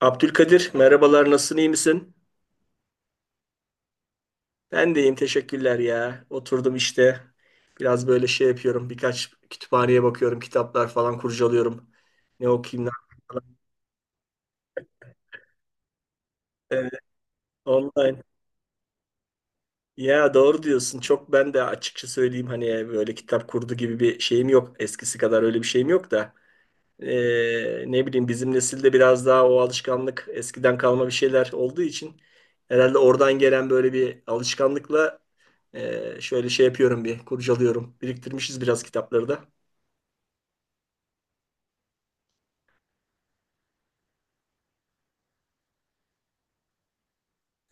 Abdülkadir, merhabalar, nasılsın, iyi misin? Ben de iyiyim, teşekkürler ya. Oturdum işte, biraz böyle şey yapıyorum, birkaç kütüphaneye bakıyorum, kitaplar falan kurcalıyorum. Ne okuyayım, ne yapayım falan. Evet, online. Ya doğru diyorsun, çok ben de açıkça söyleyeyim hani böyle kitap kurdu gibi bir şeyim yok. Eskisi kadar öyle bir şeyim yok da. Ne bileyim bizim nesilde biraz daha o alışkanlık eskiden kalma bir şeyler olduğu için herhalde oradan gelen böyle bir alışkanlıkla şöyle şey yapıyorum bir kurcalıyorum. Biriktirmişiz biraz kitapları da.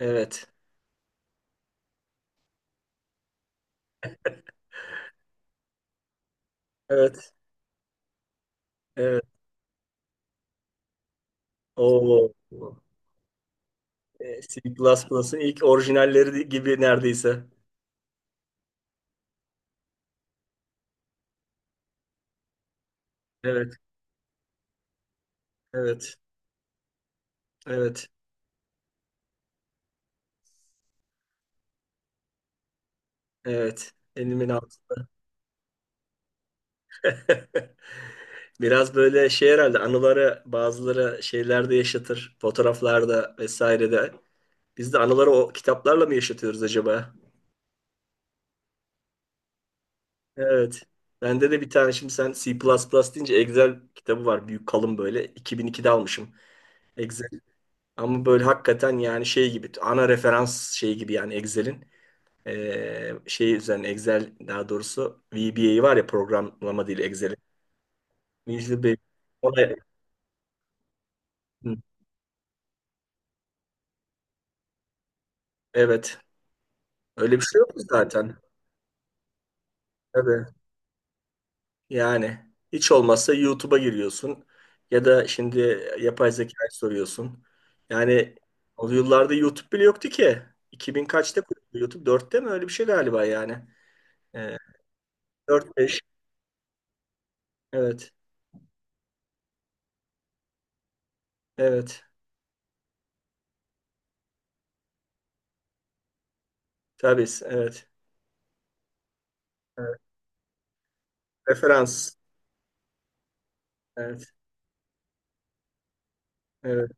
Evet. Evet. Evet. O C++'ın ilk orijinalleri gibi neredeyse. Evet. Evet. Evet. Evet. Elimin altı. Biraz böyle şey herhalde anıları bazıları şeylerde yaşatır. Fotoğraflarda vesairede. Biz de anıları o kitaplarla mı yaşatıyoruz acaba? Evet. Bende de bir tane, şimdi sen C++ deyince, Excel kitabı var. Büyük kalın böyle. 2002'de almışım Excel. Ama böyle hakikaten yani şey gibi, ana referans şey gibi yani Excel'in şey üzerine Excel, daha doğrusu VBA var ya, programlama dili Excel'in. Visual Basic. O da- Hı, evet. Öyle bir şey yok mu zaten? Tabii. Yani hiç olmazsa YouTube'a giriyorsun ya da şimdi yapay zekaya soruyorsun. Yani o yıllarda YouTube bile yoktu ki. 2000 kaçta kuruldu YouTube? 4'te mi? Öyle bir şey galiba yani. Ee, 4-5. Evet. Evet. Tabii. Evet. Evet. Referans. Evet. Evet.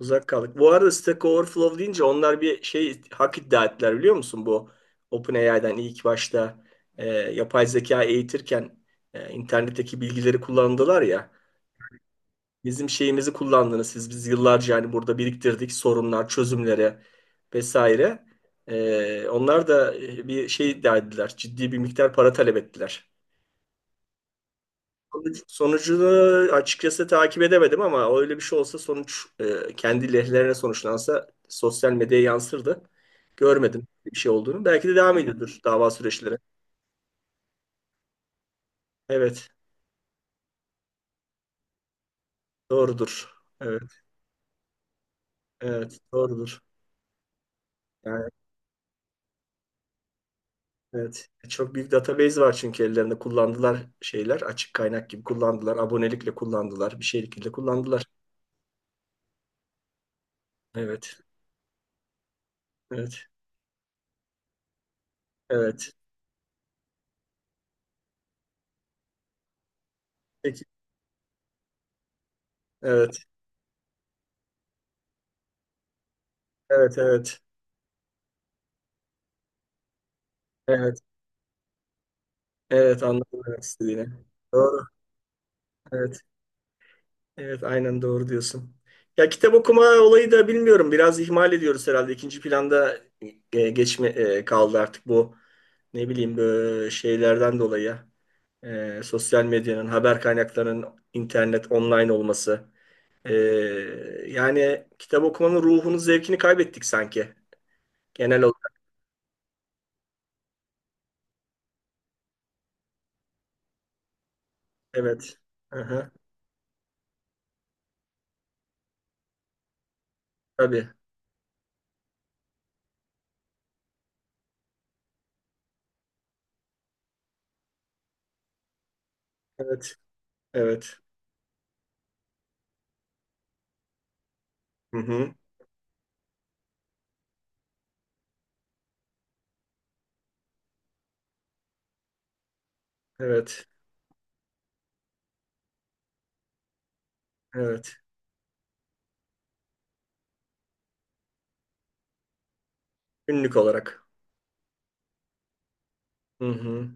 Uzak kaldık. Bu arada Stack Overflow deyince, onlar bir şey hak iddia ettiler biliyor musun? Bu OpenAI'den ilk başta yapay zeka eğitirken internetteki bilgileri kullandılar ya. Bizim şeyimizi kullandınız siz. Biz yıllarca yani burada biriktirdik sorunlar, çözümleri vesaire. Onlar da bir şey iddia ettiler. Ciddi bir miktar para talep ettiler. Sonucunu açıkçası takip edemedim ama öyle bir şey olsa, sonuç kendi lehlerine sonuçlansa sosyal medyaya yansırdı. Görmedim bir şey olduğunu. Belki de devam ediyordur dava süreçleri. Evet, doğrudur. Evet, evet, doğrudur. Yani evet. Çok büyük database var çünkü ellerinde, kullandılar şeyler. Açık kaynak gibi kullandılar. Abonelikle kullandılar. Bir şeylikle kullandılar. Evet. Evet. Evet. Peki. Evet. Evet. Evet. Evet. Evet. Anladım demek istediğini. Doğru. Evet. Evet. Aynen doğru diyorsun. Ya kitap okuma olayı da bilmiyorum. Biraz ihmal ediyoruz herhalde. İkinci planda geçme kaldı artık bu, ne bileyim, böyle şeylerden dolayı. Sosyal medyanın, haber kaynaklarının internet, online olması. Ee, yani kitap okumanın ruhunu, zevkini kaybettik sanki. Genel olarak. Evet. Hı. Tabii. Evet. Evet. Hı-hı. Evet. Evet. Günlük olarak. Hı-hı.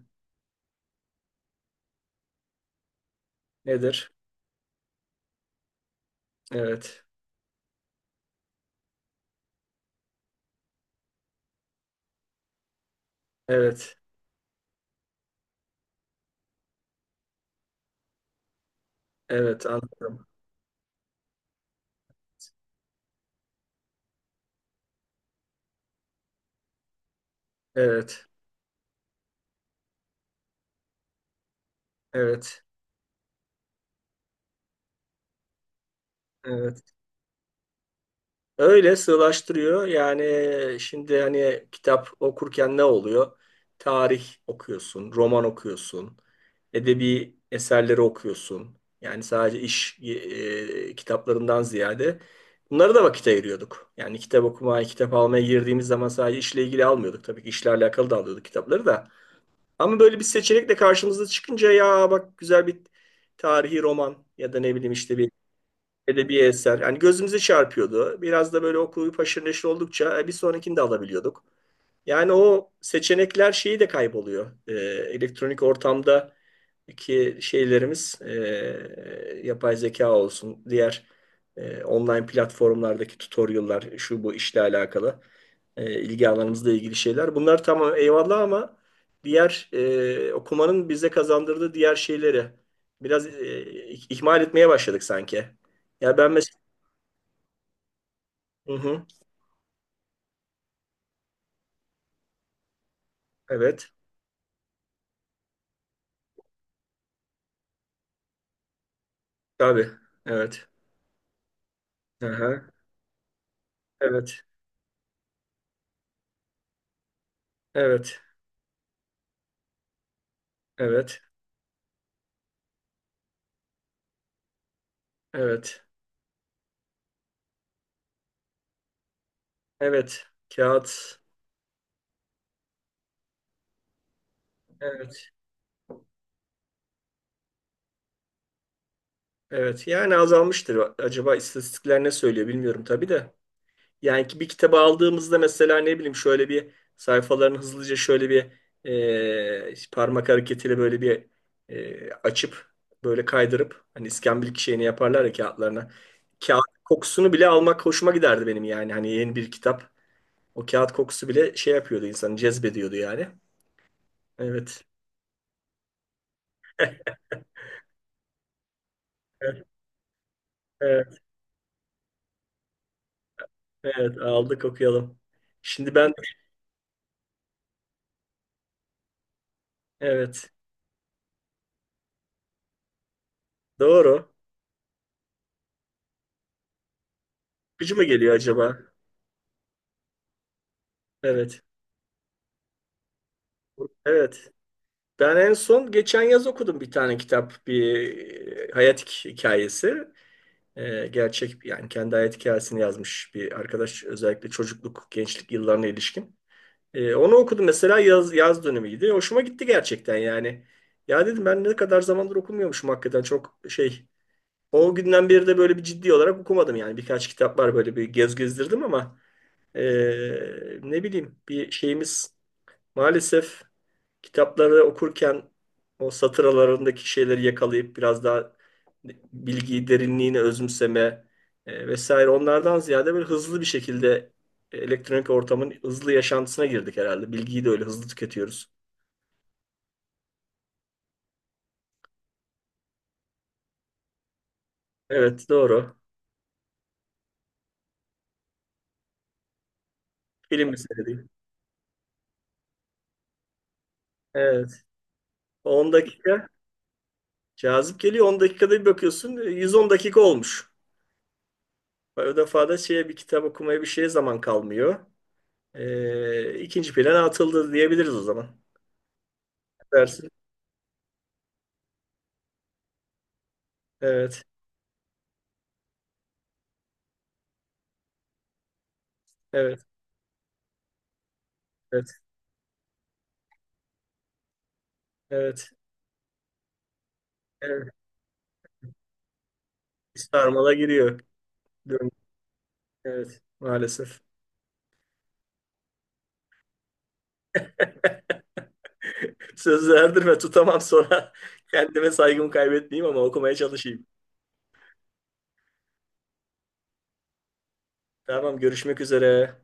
Nedir? Evet. Evet. Evet. Anladım. Evet. Evet. Evet. Öyle sığlaştırıyor. Yani şimdi hani kitap okurken ne oluyor? Tarih okuyorsun, roman okuyorsun, edebi eserleri okuyorsun. Yani sadece iş kitaplarından ziyade bunlara da vakit ayırıyorduk. Yani kitap okumaya, kitap almaya girdiğimiz zaman sadece işle ilgili almıyorduk. Tabii ki işle alakalı da alıyorduk kitapları da. Ama böyle bir seçenekle karşımıza çıkınca, ya bak, güzel bir tarihi roman ya da ne bileyim işte bir edebi eser. Yani gözümüzü çarpıyordu. Biraz da böyle okuyup haşır neşir oldukça bir sonrakini de alabiliyorduk. Yani o seçenekler şeyi de kayboluyor. Elektronik ortamdaki şeylerimiz, yapay zeka olsun, diğer online platformlardaki tutorial'lar, şu bu işle alakalı ilgi alanımızla ilgili şeyler. Bunlar tamam, eyvallah, ama diğer okumanın bize kazandırdığı diğer şeyleri biraz ihmal etmeye başladık sanki. Ya ben mesela... Hı hı, evet, tabii, evet. Aha, evet, evet, evet. Evet. Evet. Kağıt. Evet. Evet. Yani azalmıştır. Acaba istatistikler ne söylüyor bilmiyorum tabii de. Yani ki bir kitabı aldığımızda mesela, ne bileyim, şöyle bir sayfalarını hızlıca şöyle bir parmak hareketiyle böyle bir açıp böyle kaydırıp, hani iskambil şeyini yaparlar ya kağıtlarına. Kağıt kokusunu bile almak hoşuma giderdi benim yani. Hani yeni bir kitap. O kağıt kokusu bile şey yapıyordu, insanı cezbediyordu yani. Evet. Evet. Evet, aldık okuyalım. Şimdi ben, evet, doğru. Gücü mü geliyor acaba? Evet. Evet. Ben en son geçen yaz okudum bir tane kitap. Bir hayat hikayesi. Gerçek yani, kendi hayat hikayesini yazmış bir arkadaş. Özellikle çocukluk, gençlik yıllarına ilişkin. Onu okudum mesela, yaz dönemiydi. Hoşuma gitti gerçekten yani. Ya dedim, ben ne kadar zamandır okumuyormuşum hakikaten, çok şey. O günden beri de böyle bir ciddi olarak okumadım yani. Birkaç kitap var böyle bir gez gezdirdim ama ne bileyim, bir şeyimiz maalesef, kitapları okurken o satır aralarındaki şeyleri yakalayıp biraz daha bilgiyi, derinliğini özümseme vesaire onlardan ziyade böyle hızlı bir şekilde elektronik ortamın hızlı yaşantısına girdik herhalde. Bilgiyi de öyle hızlı tüketiyoruz. Evet, doğru. Film meselesi. Evet. 10 dakika. Cazip geliyor, 10 dakikada bir bakıyorsun 110 dakika olmuş. O defa da şeye, bir kitap okumaya bir şeye zaman kalmıyor. İkinci plana atıldı diyebiliriz o zaman. Ne dersin? Evet, evet, evet, evet, evet. Bir sarmala giriyor. Diyorum, evet, maalesef. Sözü erdirme tutamam sonra. Kendime saygımı kaybetmeyeyim ama okumaya çalışayım. Tamam, görüşmek üzere.